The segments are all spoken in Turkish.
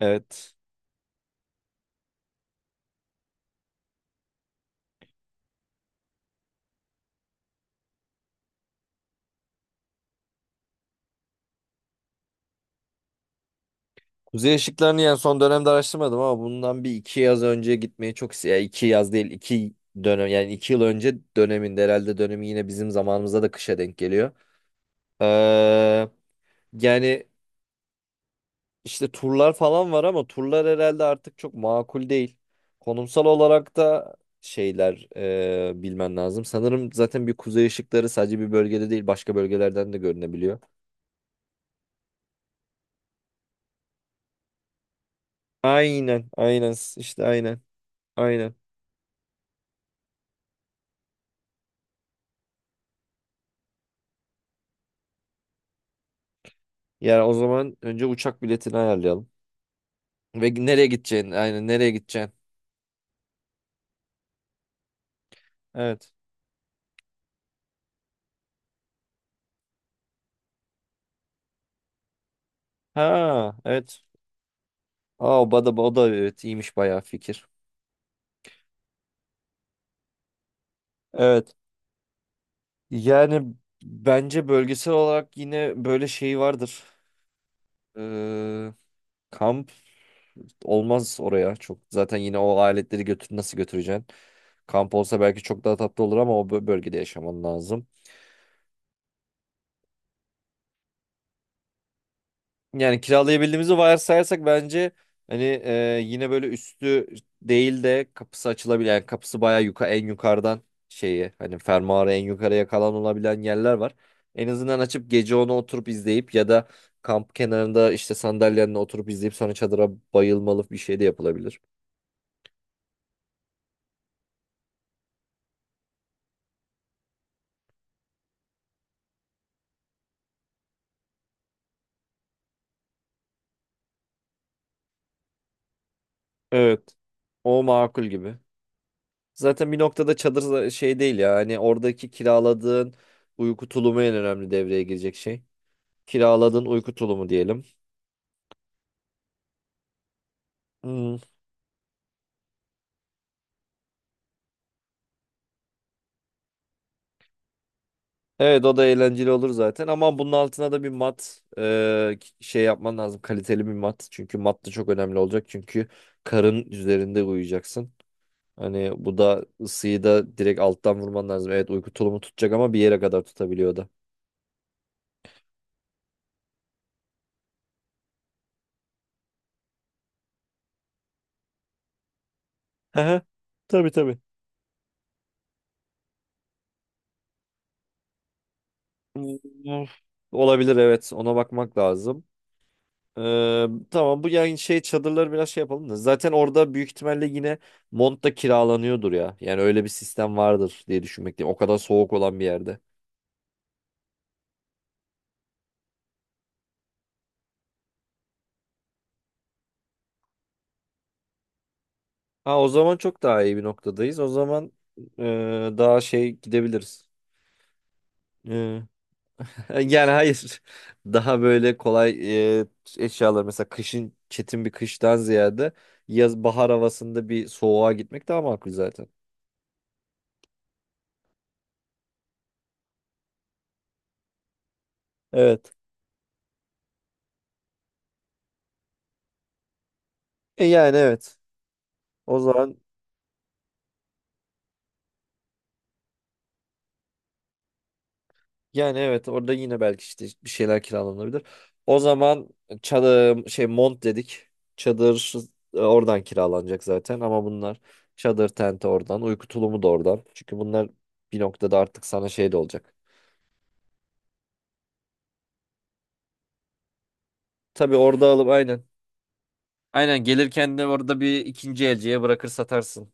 Evet. Kuzey ışıklarını yani son dönemde araştırmadım ama bundan bir iki yaz önce gitmeyi çok istiyorum. Yani iki yaz değil iki dönem yani iki yıl önce döneminde herhalde dönemi yine bizim zamanımızda da kışa denk geliyor. Ee, yani işte turlar falan var ama turlar herhalde artık çok makul değil. Konumsal olarak da şeyler bilmen lazım. Sanırım zaten bir kuzey ışıkları sadece bir bölgede değil başka bölgelerden de görünebiliyor. Aynen aynen işte aynen aynen. Yani o zaman önce uçak biletini ayarlayalım. Ve nereye gideceğin? Aynen nereye gideceksin? Evet. Ha evet. Aa o da, o da evet iyiymiş bayağı fikir. Evet. Yani bence bölgesel olarak yine böyle şey vardır. Ee, kamp olmaz oraya çok. Zaten yine o aletleri götür nasıl götüreceksin? Kamp olsa belki çok daha tatlı olur ama o bölgede yaşaman lazım. Yani kiralayabildiğimizi varsayarsak bence hani yine böyle üstü değil de kapısı açılabilir. Yani kapısı bayağı yuka en yukarıdan şeyi hani fermuarı en yukarıya kalan olabilen yerler var. En azından açıp gece onu oturup izleyip ya da kamp kenarında işte sandalyenle oturup izleyip sonra çadıra bayılmalı bir şey de yapılabilir. Evet. O makul gibi. Zaten bir noktada şey değil ya. Hani oradaki kiraladığın uyku tulumu en önemli devreye girecek şey. Kiraladığın uyku tulumu diyelim. Hmm. Evet o da eğlenceli olur zaten ama bunun altına da bir mat şey yapman lazım. Kaliteli bir mat. Çünkü mat da çok önemli olacak. Çünkü karın üzerinde uyuyacaksın. Hani bu da ısıyı da direkt alttan vurman lazım. Evet uyku tulumu tutacak ama bir yere kadar tutabiliyor o da. Hı hı. Tabii tabii. Hmm. Olabilir evet ona bakmak lazım. Tamam bu yani şey çadırları biraz şey yapalım da. Zaten orada büyük ihtimalle yine mont da kiralanıyordur ya. Yani öyle bir sistem vardır diye düşünmekteyim. O kadar soğuk olan bir yerde. Ha o zaman çok daha iyi bir noktadayız. O zaman e, daha şey gidebiliriz. Ee, yani hayır. Daha böyle kolay e, eşyalar mesela kışın çetin bir kıştan ziyade yaz bahar havasında bir soğuğa gitmek daha makul zaten. Evet. Yani evet. O zaman Yani evet orada yine belki işte bir şeyler kiralanabilir. O zaman çadır şey mont dedik. Çadır oradan kiralanacak zaten ama bunlar çadır tenti oradan, uyku tulumu da oradan. Çünkü bunlar bir noktada artık sana şey de olacak. Tabii orada alıp aynen. Aynen gelirken de orada bir ikinci elciye bırakır satarsın.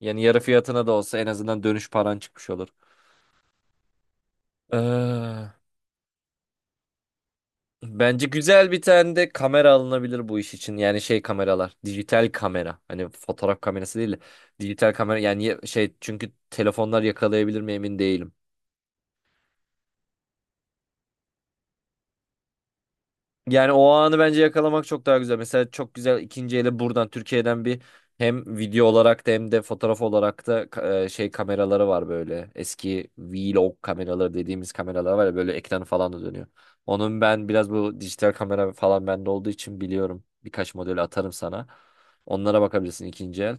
Yani yarı fiyatına da olsa en azından dönüş paran çıkmış olur. Ee, bence güzel bir tane de kamera alınabilir bu iş için. Yani şey kameralar, dijital kamera. Hani fotoğraf kamerası değil de dijital kamera yani şey çünkü telefonlar yakalayabilir mi emin değilim. Yani o anı bence yakalamak çok daha güzel. Mesela çok güzel ikinci ele buradan Türkiye'den bir hem video olarak da hem de fotoğraf olarak da şey kameraları var böyle. Eski vlog kameraları dediğimiz kameralar var ya böyle ekranı falan da dönüyor. Onun ben biraz bu dijital kamera falan bende olduğu için biliyorum. Birkaç modeli atarım sana. Onlara bakabilirsin ikinci el.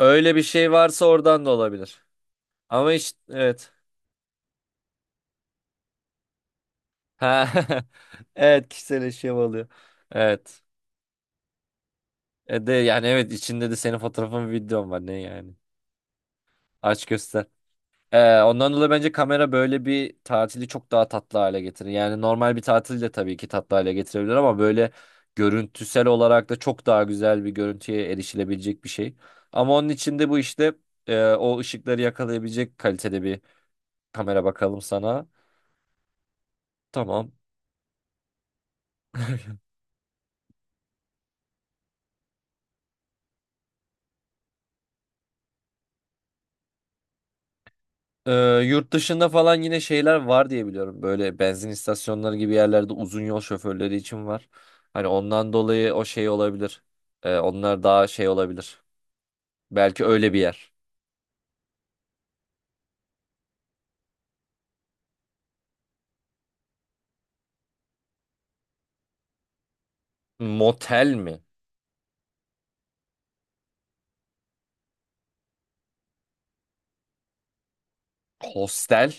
Öyle bir şey varsa oradan da olabilir. Ama işte evet. Ha, evet kişisel eşya oluyor. Evet. E de yani evet içinde de senin fotoğrafın videon var ne yani. Aç göster. Ondan dolayı bence kamera böyle bir tatili çok daha tatlı hale getirir. Yani normal bir tatil de tabii ki tatlı hale getirebilir ama böyle görüntüsel olarak da çok daha güzel bir görüntüye erişilebilecek bir şey. Ama onun için de bu işte o ışıkları yakalayabilecek kalitede bir kamera bakalım sana. Tamam. Ee, yurt dışında falan yine şeyler var diye biliyorum. Böyle benzin istasyonları gibi yerlerde uzun yol şoförleri için var. Hani ondan dolayı o şey olabilir. Onlar daha şey olabilir. Belki öyle bir yer. Motel mi? Hostel?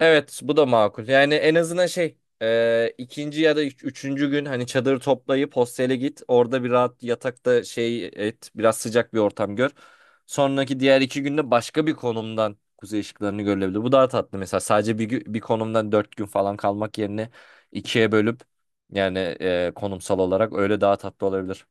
Evet, bu da makul. Yani en azından şey ikinci ya da üçüncü gün hani çadırı toplayıp hostele git. Orada bir rahat yatakta şey et. Biraz sıcak bir ortam gör. Sonraki diğer iki günde başka bir konumdan kuzey ışıklarını görülebilir. Bu daha tatlı mesela. Sadece bir, bir konumdan dört gün falan kalmak yerine ikiye bölüp yani konumsal olarak öyle daha tatlı olabilir.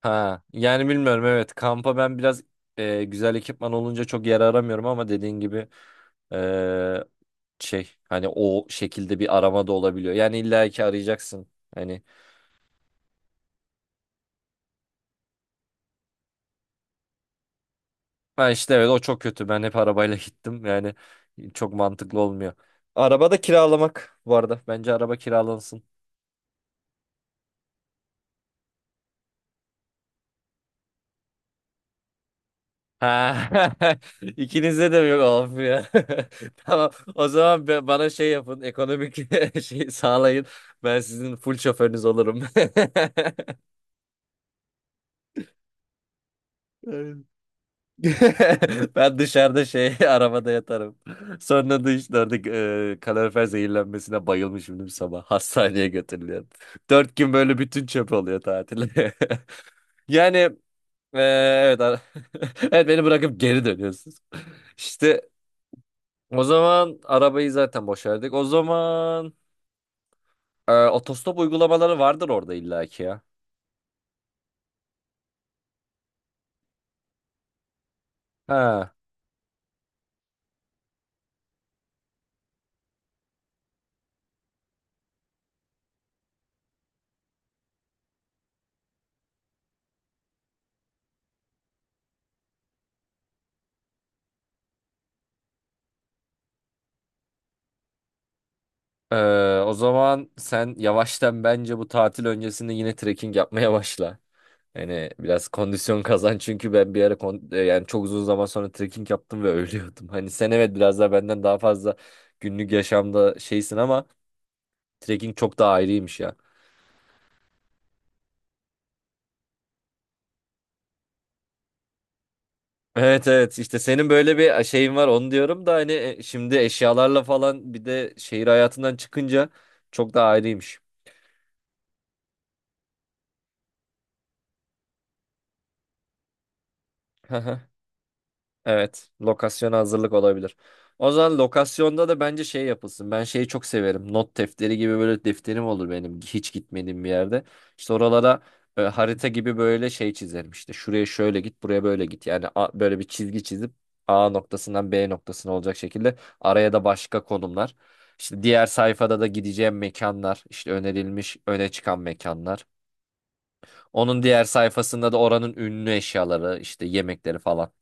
Ha, yani bilmiyorum evet. Kampa ben biraz güzel ekipman olunca çok yer aramıyorum ama dediğin gibi şey hani o şekilde bir arama da olabiliyor. Yani illa ki arayacaksın. Hani ben işte evet o çok kötü. Ben hep arabayla gittim. Yani çok mantıklı olmuyor. Araba da kiralamak bu arada. Bence araba kiralansın. Ha, ikinizde de mi yok of ya. Tamam. O zaman bana şey yapın. Ekonomik şey sağlayın. Ben sizin full şoförünüz olurum. Evet. Ben dışarıda şey arabada yatarım. Sonra dışarıda kalorifer zehirlenmesine bayılmışım dün sabah. Hastaneye götürülüyor. Dört gün böyle bütün çöp oluyor tatil. Yani evet, evet beni bırakıp geri dönüyorsunuz. İşte o zaman arabayı zaten boşardık. O zaman otostop uygulamaları vardır orada illaki ya. Ha. e, o zaman sen yavaştan bence bu tatil öncesinde yine trekking yapmaya başla. Hani biraz kondisyon kazan çünkü ben bir ara yani çok uzun zaman sonra trekking yaptım ve ölüyordum. Hani sen evet biraz daha benden daha fazla günlük yaşamda şeysin ama trekking çok daha ayrıymış ya. Evet evet işte senin böyle bir şeyin var onu diyorum da hani şimdi eşyalarla falan bir de şehir hayatından çıkınca çok daha ayrıymış. Evet, lokasyona hazırlık olabilir. O zaman lokasyonda da bence şey yapılsın. Ben şeyi çok severim. Not defteri gibi böyle defterim olur benim hiç gitmediğim bir yerde. İşte oralara harita gibi böyle şey çizerim. İşte şuraya şöyle git, buraya böyle git. Yani böyle bir çizgi çizip A noktasından B noktasına olacak şekilde araya da başka konumlar. İşte diğer sayfada da gideceğim mekanlar, işte önerilmiş öne çıkan mekanlar. Onun diğer sayfasında da oranın ünlü eşyaları, işte yemekleri falan.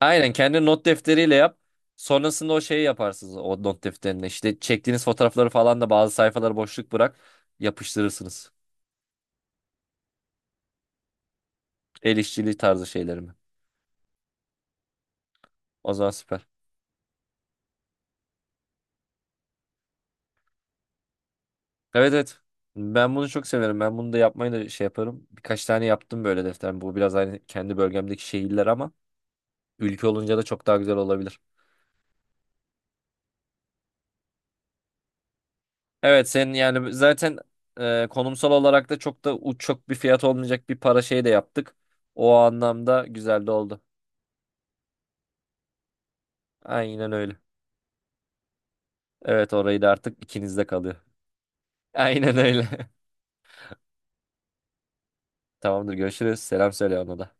Aynen kendi not defteriyle yap. Sonrasında o şeyi yaparsınız o not defterine. İşte çektiğiniz fotoğrafları falan da bazı sayfaları boşluk bırak yapıştırırsınız. El işçiliği tarzı şeylerimi O zaman süper. Evet evet. Ben bunu çok severim. Ben bunu da yapmayı da şey yaparım. Birkaç tane yaptım böyle defter. Bu biraz aynı kendi bölgemdeki şehirler ama ülke olunca da çok daha güzel olabilir. Evet senin yani zaten konumsal olarak da çok da çok bir fiyat olmayacak bir para şey de yaptık. O anlamda güzel de oldu. Aynen öyle. Evet orayı da artık ikinizde kalıyor. Aynen öyle. Tamamdır görüşürüz. Selam söyle ona da.